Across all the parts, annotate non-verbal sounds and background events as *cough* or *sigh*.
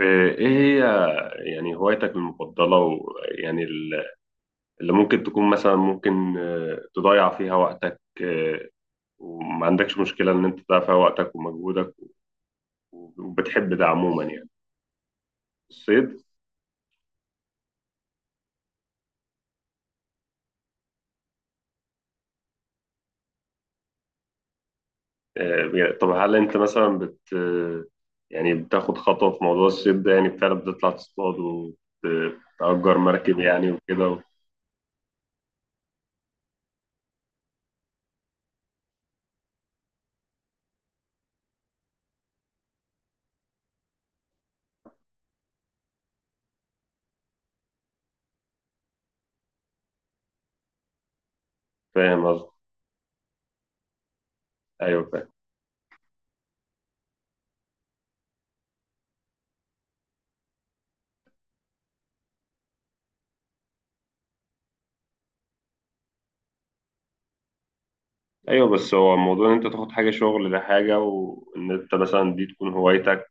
ايه هي يعني هوايتك المفضلة ويعني اللي ممكن تكون مثلا ممكن تضيع فيها وقتك، وما عندكش مشكلة ان انت تضيع فيها وقتك ومجهودك وبتحب ده عموما يعني. الصيد. طب هل انت مثلا بت آه، يعني بتاخد خطوة في موضوع الصيد ده؟ يعني فعلا بتطلع تصطاد وتأجر مركب يعني وكده؟ فاهم قصدي. ايوه فاهم. ايوه بس هو موضوع ان انت تاخد حاجة شغل ده حاجة، وان انت مثلا دي تكون هوايتك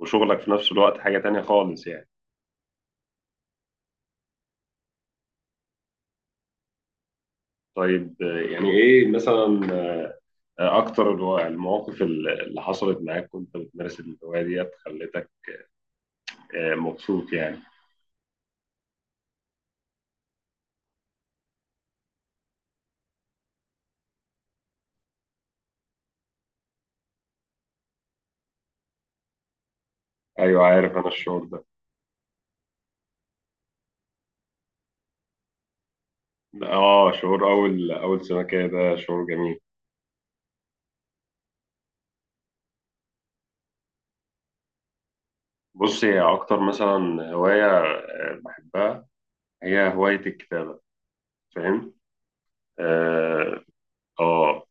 وشغلك في نفس الوقت حاجة تانية خالص يعني. طيب، يعني إيه مثلا أكتر المواقف اللي حصلت معاك وأنت بتمارس الهواية ديت خلتك مبسوط يعني؟ أيوه عارف أنا الشعور ده. آه، شعور أول أول سمكة ده شعور جميل. بص، هي أكتر مثلا هواية بحبها هي هواية الكتابة. فاهم؟ آه. آه.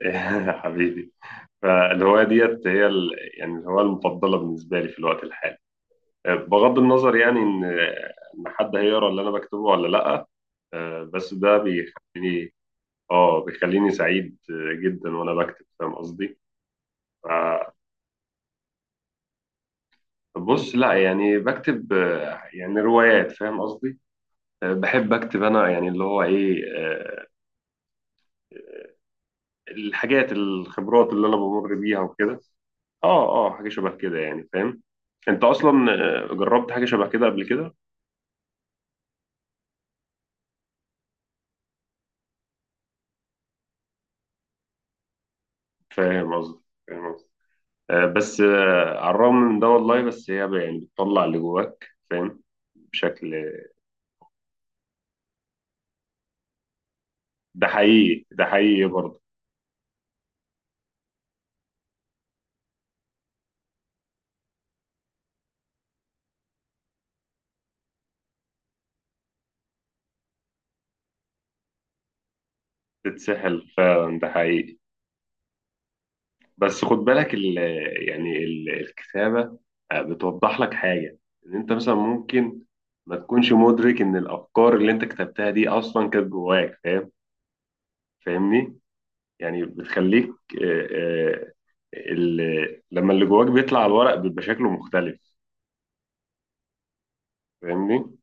*laughs* حبيبي. فالهواية ديت هي ال... يعني الهواية المفضلة بالنسبة لي في الوقت الحالي، بغض النظر يعني ان ان حد هيقرا اللي انا بكتبه ولا لا. بس ده بيخليني، اه، بيخليني سعيد جدا وانا بكتب، فاهم قصدي. آه، بص، لا يعني بكتب يعني روايات، فاهم قصدي. بحب اكتب انا يعني اللي هو ايه، الحاجات، الخبرات اللي انا بمر بيها وكده. اه اه حاجه شبه كده يعني، فاهم؟ انت اصلا جربت حاجه شبه كده قبل كده؟ فاهم قصدي، فاهم قصدي. بس على الرغم من ده، والله بس هي يعني بتطلع اللي جواك، فاهم؟ بشكل. ده حقيقي، ده حقيقي برضه. تتسحل فعلا، ده حقيقي. بس خد بالك ال يعني ال الكتابة بتوضح لك حاجة، إن أنت مثلا ممكن ما تكونش مدرك إن الأفكار اللي أنت كتبتها دي أصلا كانت جواك، فاهم؟ فاهمني؟ يعني بتخليك، آه، آه، لما اللي جواك بيطلع على الورق بيبقى شكله مختلف. فاهمني؟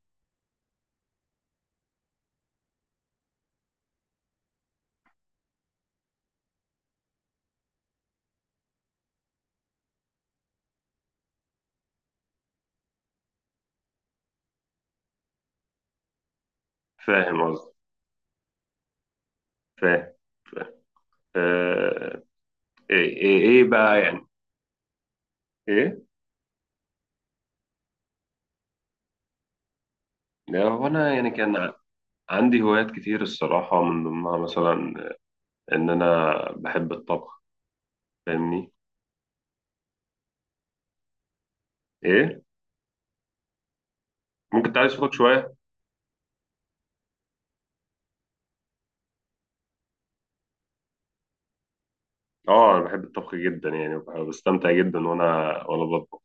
فاهم قصدي. فاهم. آه، ايه ايه إيه بقى يعني. ايه؟ لا هو انا يعني عندي هوايات كتير الصراحه، من ضمنها مثلا ان انا بحب الطبخ، فاهمني؟ ايه؟ ممكن تعالى صوتك شويه. اه انا بحب الطبخ جدا يعني، بستمتع جدا وانا بطبخ.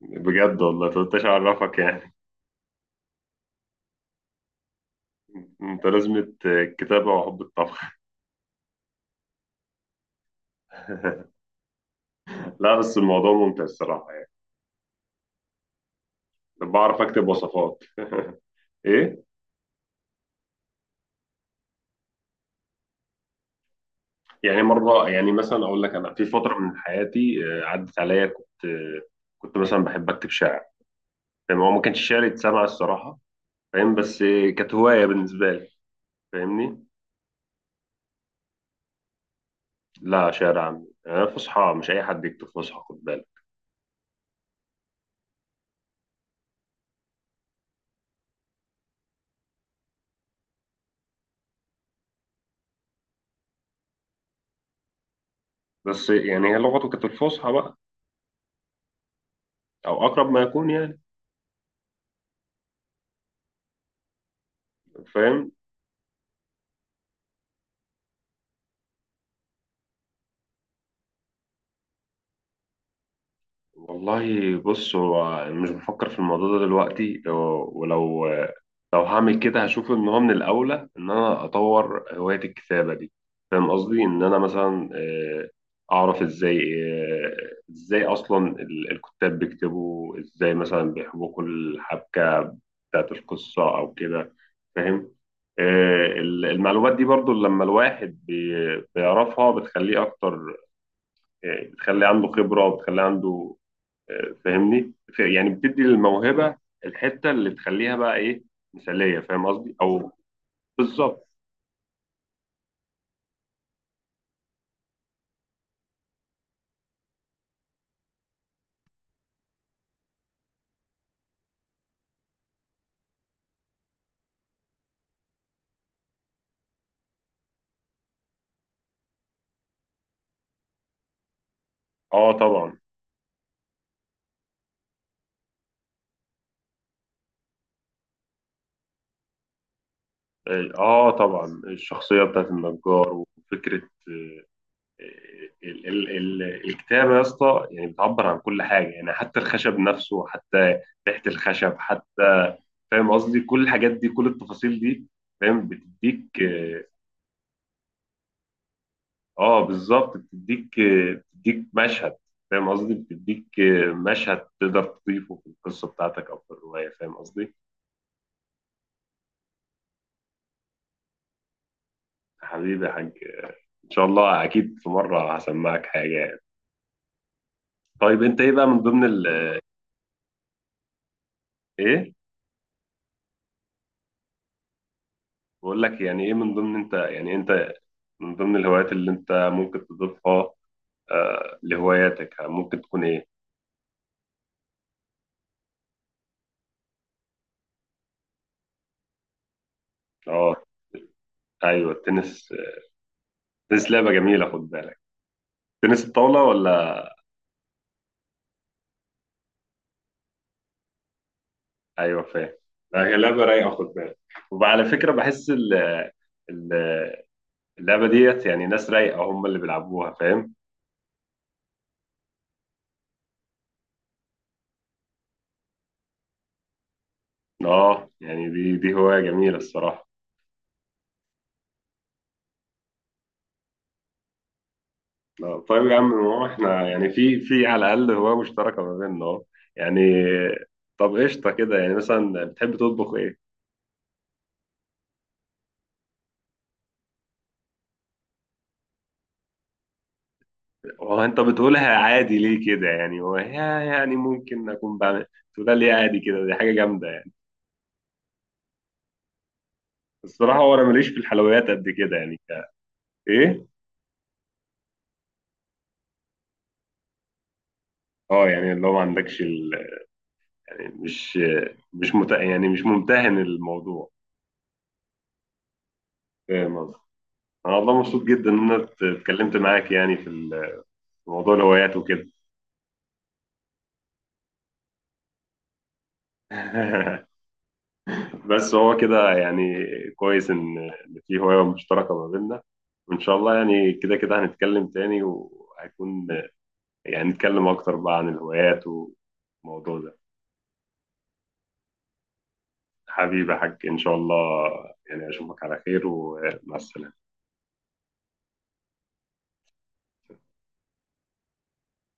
بجد والله مكنتش اعرفك يعني. *laughs* انت لازمة، كتابه وحب الطبخ. *laughs* لا بس الموضوع ممتع الصراحه يعني. بعرف اكتب وصفات. *laughs* ايه؟ يعني مرة يعني مثلا أقول لك، أنا في فترة من حياتي عدت عليا كنت كنت مثلا بحب أكتب شعر، فاهم؟ هو ما كانش شعر يتسمع الصراحة، فاهم؟ بس كانت هواية بالنسبة لي، فاهمني؟ لا شعر عامي. فصحى مش أي حد يكتب فصحى، خد بالك. بس يعني هي لغته كانت الفصحى بقى، أو أقرب ما يكون يعني. فاهم. والله بص، هو مش بفكر في الموضوع ده دلوقتي، ولو لو هعمل كده هشوف ان هو من الاولى ان انا اطور هواية الكتابة دي. فاهم قصدي، ان انا مثلا اعرف ازاي آه، ازاي اصلا الكتاب بيكتبوا، ازاي مثلا بيحبكوا الحبكة بتاعت القصة او كده، فاهم؟ المعلومات دي برضو لما الواحد بيعرفها بتخليه اكتر، بتخليه عنده خبرة وبتخليه عنده، فاهمني؟ يعني بتدي للموهبه الحته اللي تخليها بقى ايه، مثاليه، فاهم قصدي؟ او بالظبط. اه طبعا. اه طبعا، الشخصيه بتاعت النجار وفكره، آه، ال ال ال الكتابه يا اسطى يعني بتعبر عن كل حاجه، يعني حتى الخشب نفسه، حتى ريحه الخشب، حتى فاهم قصدي، كل الحاجات دي، كل التفاصيل دي، فاهم؟ بتديك اه بالظبط، بتديك، بتديك مشهد، فاهم قصدي؟ بتديك مشهد تقدر تضيفه في القصه بتاعتك او في الروايه، فاهم قصدي؟ يا حبيبي يا حاج، ان شاء الله اكيد في مره هسمعك حاجه يعني. طيب انت ايه بقى من ضمن ال... ايه، بقول لك يعني ايه من ضمن انت، يعني انت من ضمن الهوايات اللي انت ممكن تضيفها آه لهواياتك ممكن تكون ايه؟ اه، ايوه التنس. التنس لعبه جميله، خد بالك. تنس الطاوله ولا؟ ايوه فاهم. لعبه رايقه، خد بالك. وعلى فكره بحس ال- اللعبه ديت يعني ناس رايقه هم اللي بيلعبوها، فاهم؟ اه يعني دي هوايه جميله الصراحه. طيب يا عم، ما هو احنا يعني في، في على الاقل هوايه مشتركه ما بيننا اهو يعني. طب قشطه كده، يعني مثلا بتحب تطبخ ايه؟ هو انت بتقولها عادي ليه كده يعني؟ هو يعني ممكن اكون بعمل، تقولها ليه عادي كده، دي حاجه جامده يعني. الصراحه هو انا ماليش في الحلويات قد كده يعني. ايه؟ اه يعني اللي هو ما عندكش ال... يعني مش، مش يعني مش ممتهن الموضوع. فاهم قصدي. انا والله مبسوط جدا ان انا اتكلمت معاك يعني في ال- في موضوع الهوايات وكده. *laughs* بس هو كده يعني، كويس ان إن في هواية مشتركة ما بيننا، وان شاء الله يعني كده كده هنتكلم تاني وهيكون يعني نتكلم اكتر بقى عن الهوايات والموضوع ده. حبيبي يا حاج، ان شاء الله، يعني اشوفك على خير ومع السلامة.